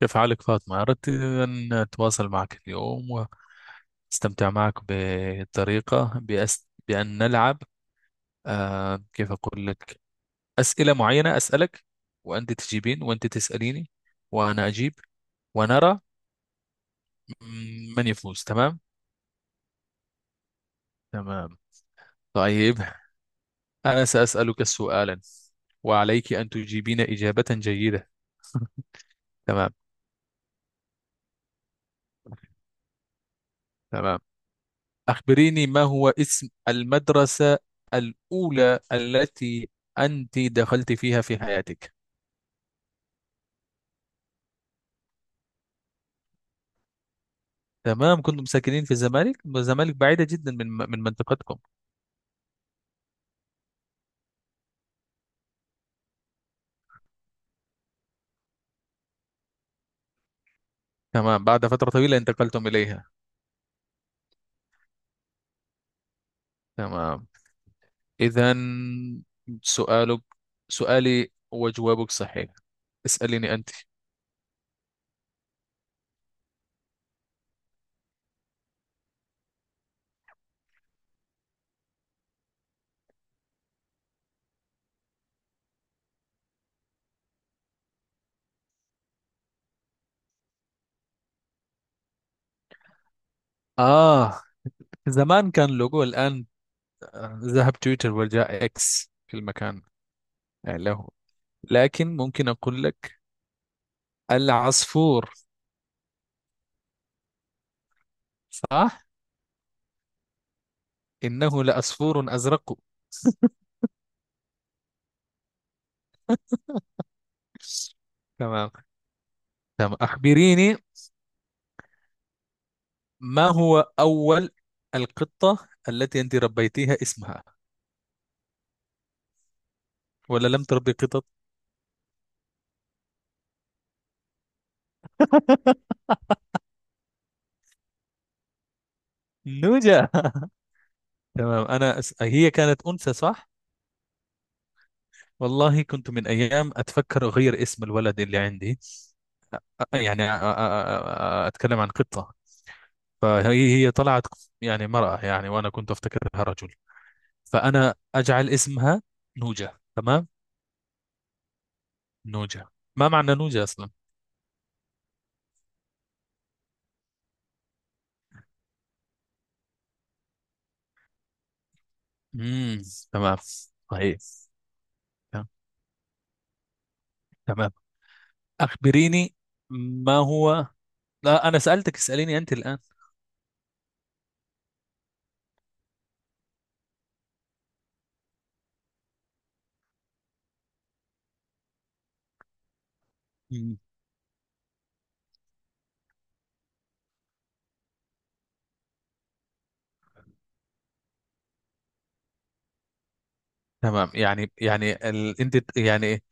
كيف حالك فاطمة؟ أردت أن أتواصل معك اليوم وأستمتع معك بطريقة بأن نلعب، كيف أقول لك، أسئلة معينة أسألك وأنت تجيبين، وأنت تسأليني وأنا أجيب، ونرى من يفوز، تمام؟ تمام، طيب. أنا سأسألك سؤالا، وعليك أن تجيبين إجابة جيدة. تمام، تمام. أخبريني، ما هو اسم المدرسة الأولى التي أنت دخلت فيها في حياتك؟ تمام، كنتم ساكنين في الزمالك، الزمالك بعيدة جدا من منطقتكم؟ تمام، بعد فترة طويلة انتقلتم إليها. تمام، إذا سؤالك، سؤالي وجوابك صحيح. اسأليني أنت. آه زمان كان لوجو الآن، آه، ذهب تويتر وجاء إكس في المكان له. لكن ممكن أقول لك العصفور. صح، إنه لعصفور أزرق. تمام، تمام. أخبريني، ما هو أول القطة التي أنت ربيتيها اسمها، ولا لم تربي قطط؟ نوجا، تمام. هي كانت أنثى، صح؟ والله كنت من أيام أتفكر أغير اسم الولد اللي عندي. أتكلم عن قطة، فهي طلعت يعني مرأة يعني، وأنا كنت أفتكرها رجل، فأنا أجعل اسمها نوجا، تمام. نوجا، ما معنى نوجا أصلا؟ امم تمام، طيب. تمام، تمام. أخبريني، ما هو... لا، أنا سألتك، اسأليني أنت الآن. مم. تمام، يعني يعني أنت يعني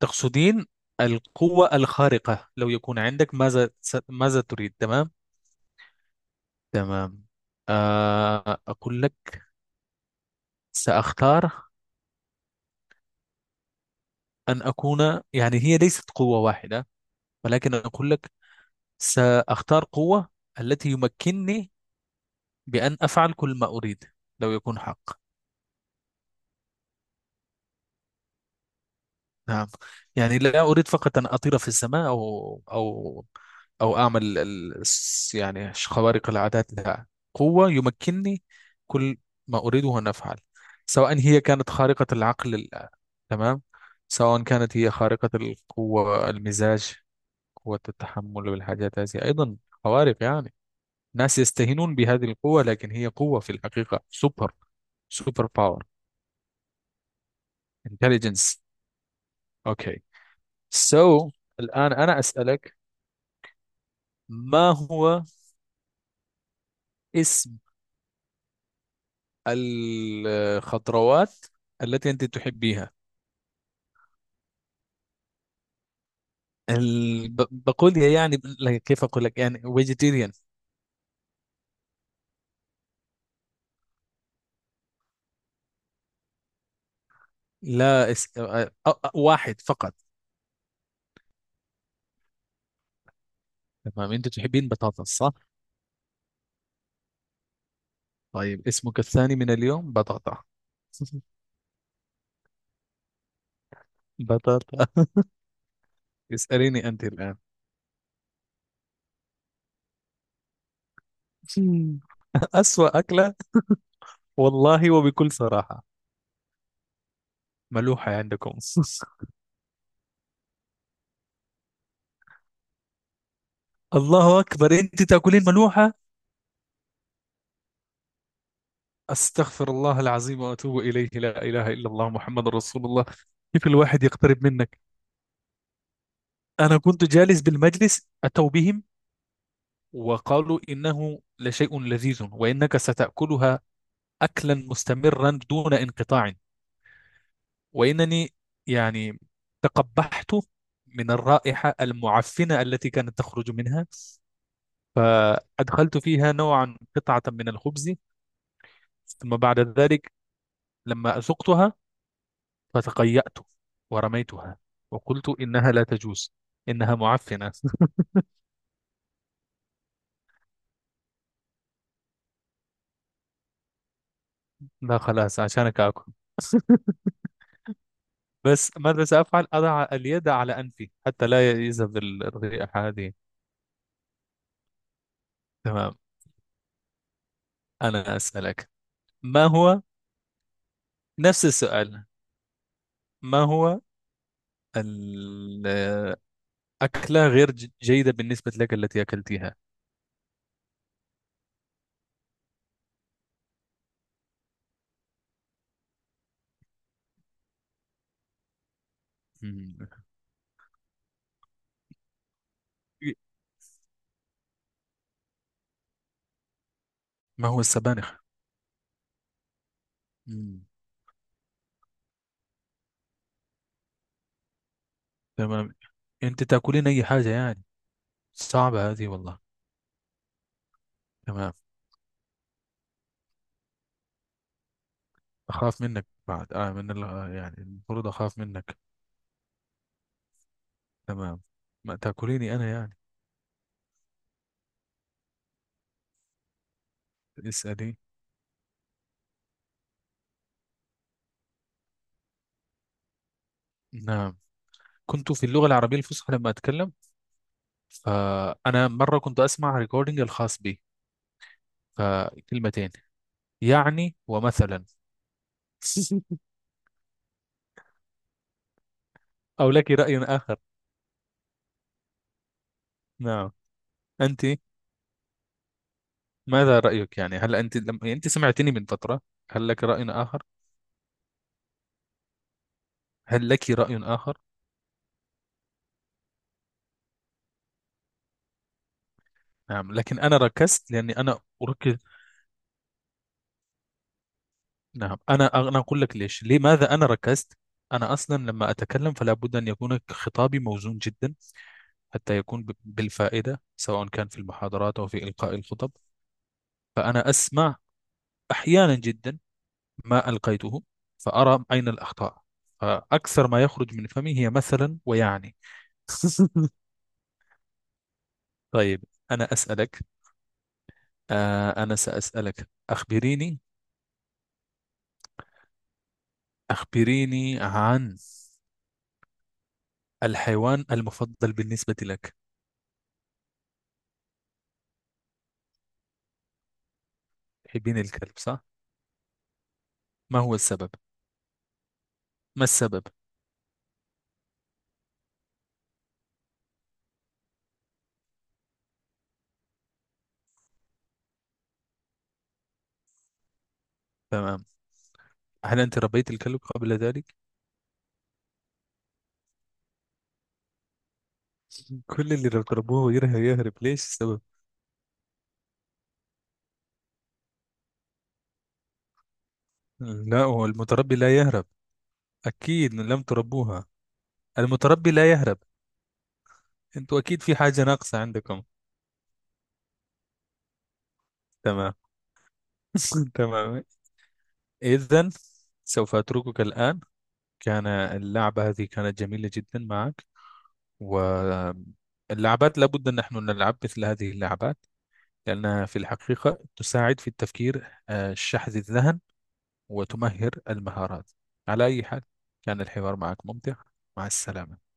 تقصدين القوة الخارقة، لو يكون عندك، ماذا ماذا تريد، تمام. تمام، آه أقول لك، سأختار أن أكون، يعني هي ليست قوة واحدة، ولكن أقول لك سأختار قوة التي يمكنني بأن أفعل كل ما أريد، لو يكون حق. نعم، يعني لا أريد فقط أن أطير في السماء، أو أو أعمل يعني خوارق العادات، لا. قوة يمكنني كل ما أريده أن أفعل، سواء هي كانت خارقة العقل تمام، سواء كانت هي خارقة القوة، المزاج، قوة التحمل والحاجات هذه أيضا، خوارق يعني. ناس يستهينون بهذه القوة، لكن هي قوة في الحقيقة سوبر، سوبر باور انتليجنس. اوكي، سو الآن أنا أسألك، ما هو اسم الخضروات التي أنت تحبيها؟ بقول يا يعني لا، كيف أقول لك، يعني فيجيتيريان. لا واحد فقط. تمام، أنت تحبين بطاطس، صح؟ طيب، اسمك الثاني من اليوم بطاطا. بطاطا، اسأليني أنت الآن. مم. أسوأ أكلة، والله وبكل صراحة، ملوحة عندكم. الله أكبر، أنت تأكلين ملوحة؟ أستغفر الله العظيم وأتوب إليه، لا إله إلا الله محمد رسول الله. كيف الواحد يقترب منك؟ أنا كنت جالس بالمجلس، أتوا بهم وقالوا إنه لشيء لذيذ، وإنك ستأكلها أكلا مستمرا دون انقطاع، وإنني يعني تقبحت من الرائحة المعفنة التي كانت تخرج منها، فأدخلت فيها نوعا قطعة من الخبز، ثم بعد ذلك لما أذقتها فتقيأت ورميتها، وقلت إنها لا تجوز، إنها معفنة. لا خلاص، عشانك آكل. بس ماذا سأفعل، أضع اليد على أنفي حتى لا يذهب الرائحة هذه. تمام، أنا أسألك، ما هو، نفس السؤال، ما هو الأكلة غير جيدة بالنسبة لك التي أكلتها؟ مم. ما هو السبانخ؟ مم. تمام، أنت تأكلين أي حاجة يعني، صعبة هذه والله. تمام، أخاف منك بعد آه من آه، يعني المفروض أخاف منك. تمام، ما تأكليني أنا يعني. اسألي. نعم، كنت في اللغة العربية الفصحى لما أتكلم، فأنا مرة كنت أسمع ريكوردينج الخاص بي، فكلمتين يعني ومثلا. أو لك رأي آخر؟ نعم، أنت ماذا رأيك يعني، هل أنت لما أنت سمعتني من فترة، هل لك رأي آخر؟ هل لك رأي آخر؟ نعم، لكن أنا ركزت لأني أنا أركز. نعم، أنا أقول لك ليش لماذا أنا ركزت. أنا أصلا لما أتكلم فلا بد أن يكون خطابي موزون جدا، حتى يكون بالفائدة، سواء كان في المحاضرات أو في إلقاء الخطب. فأنا أسمع أحيانا جدا ما ألقيته، فأرى أين الأخطاء، فأكثر ما يخرج من فمي هي مثلا ويعني. طيب، أنا أسألك. آه، أنا سأسألك، أخبريني، أخبريني عن الحيوان المفضل بالنسبة لك. تحبين الكلب، صح؟ ما هو السبب؟ ما السبب؟ تمام، هل انت ربيت الكلب قبل ذلك؟ كل اللي تربوه يرهب يهرب، ليش السبب؟ لا، هو المتربي لا يهرب، اكيد لم تربوها. المتربي لا يهرب، انتوا اكيد في حاجة ناقصة عندكم. تمام. تمام، اذا سوف اتركك الان. كان اللعبة هذه كانت جميلة جدا معك، واللعبات لابد ان نحن نلعب مثل هذه اللعبات، لانها في الحقيقة تساعد في التفكير، آه، شحذ الذهن وتمهر المهارات. على أي حال، كان الحوار معك ممتع. مع السلامة.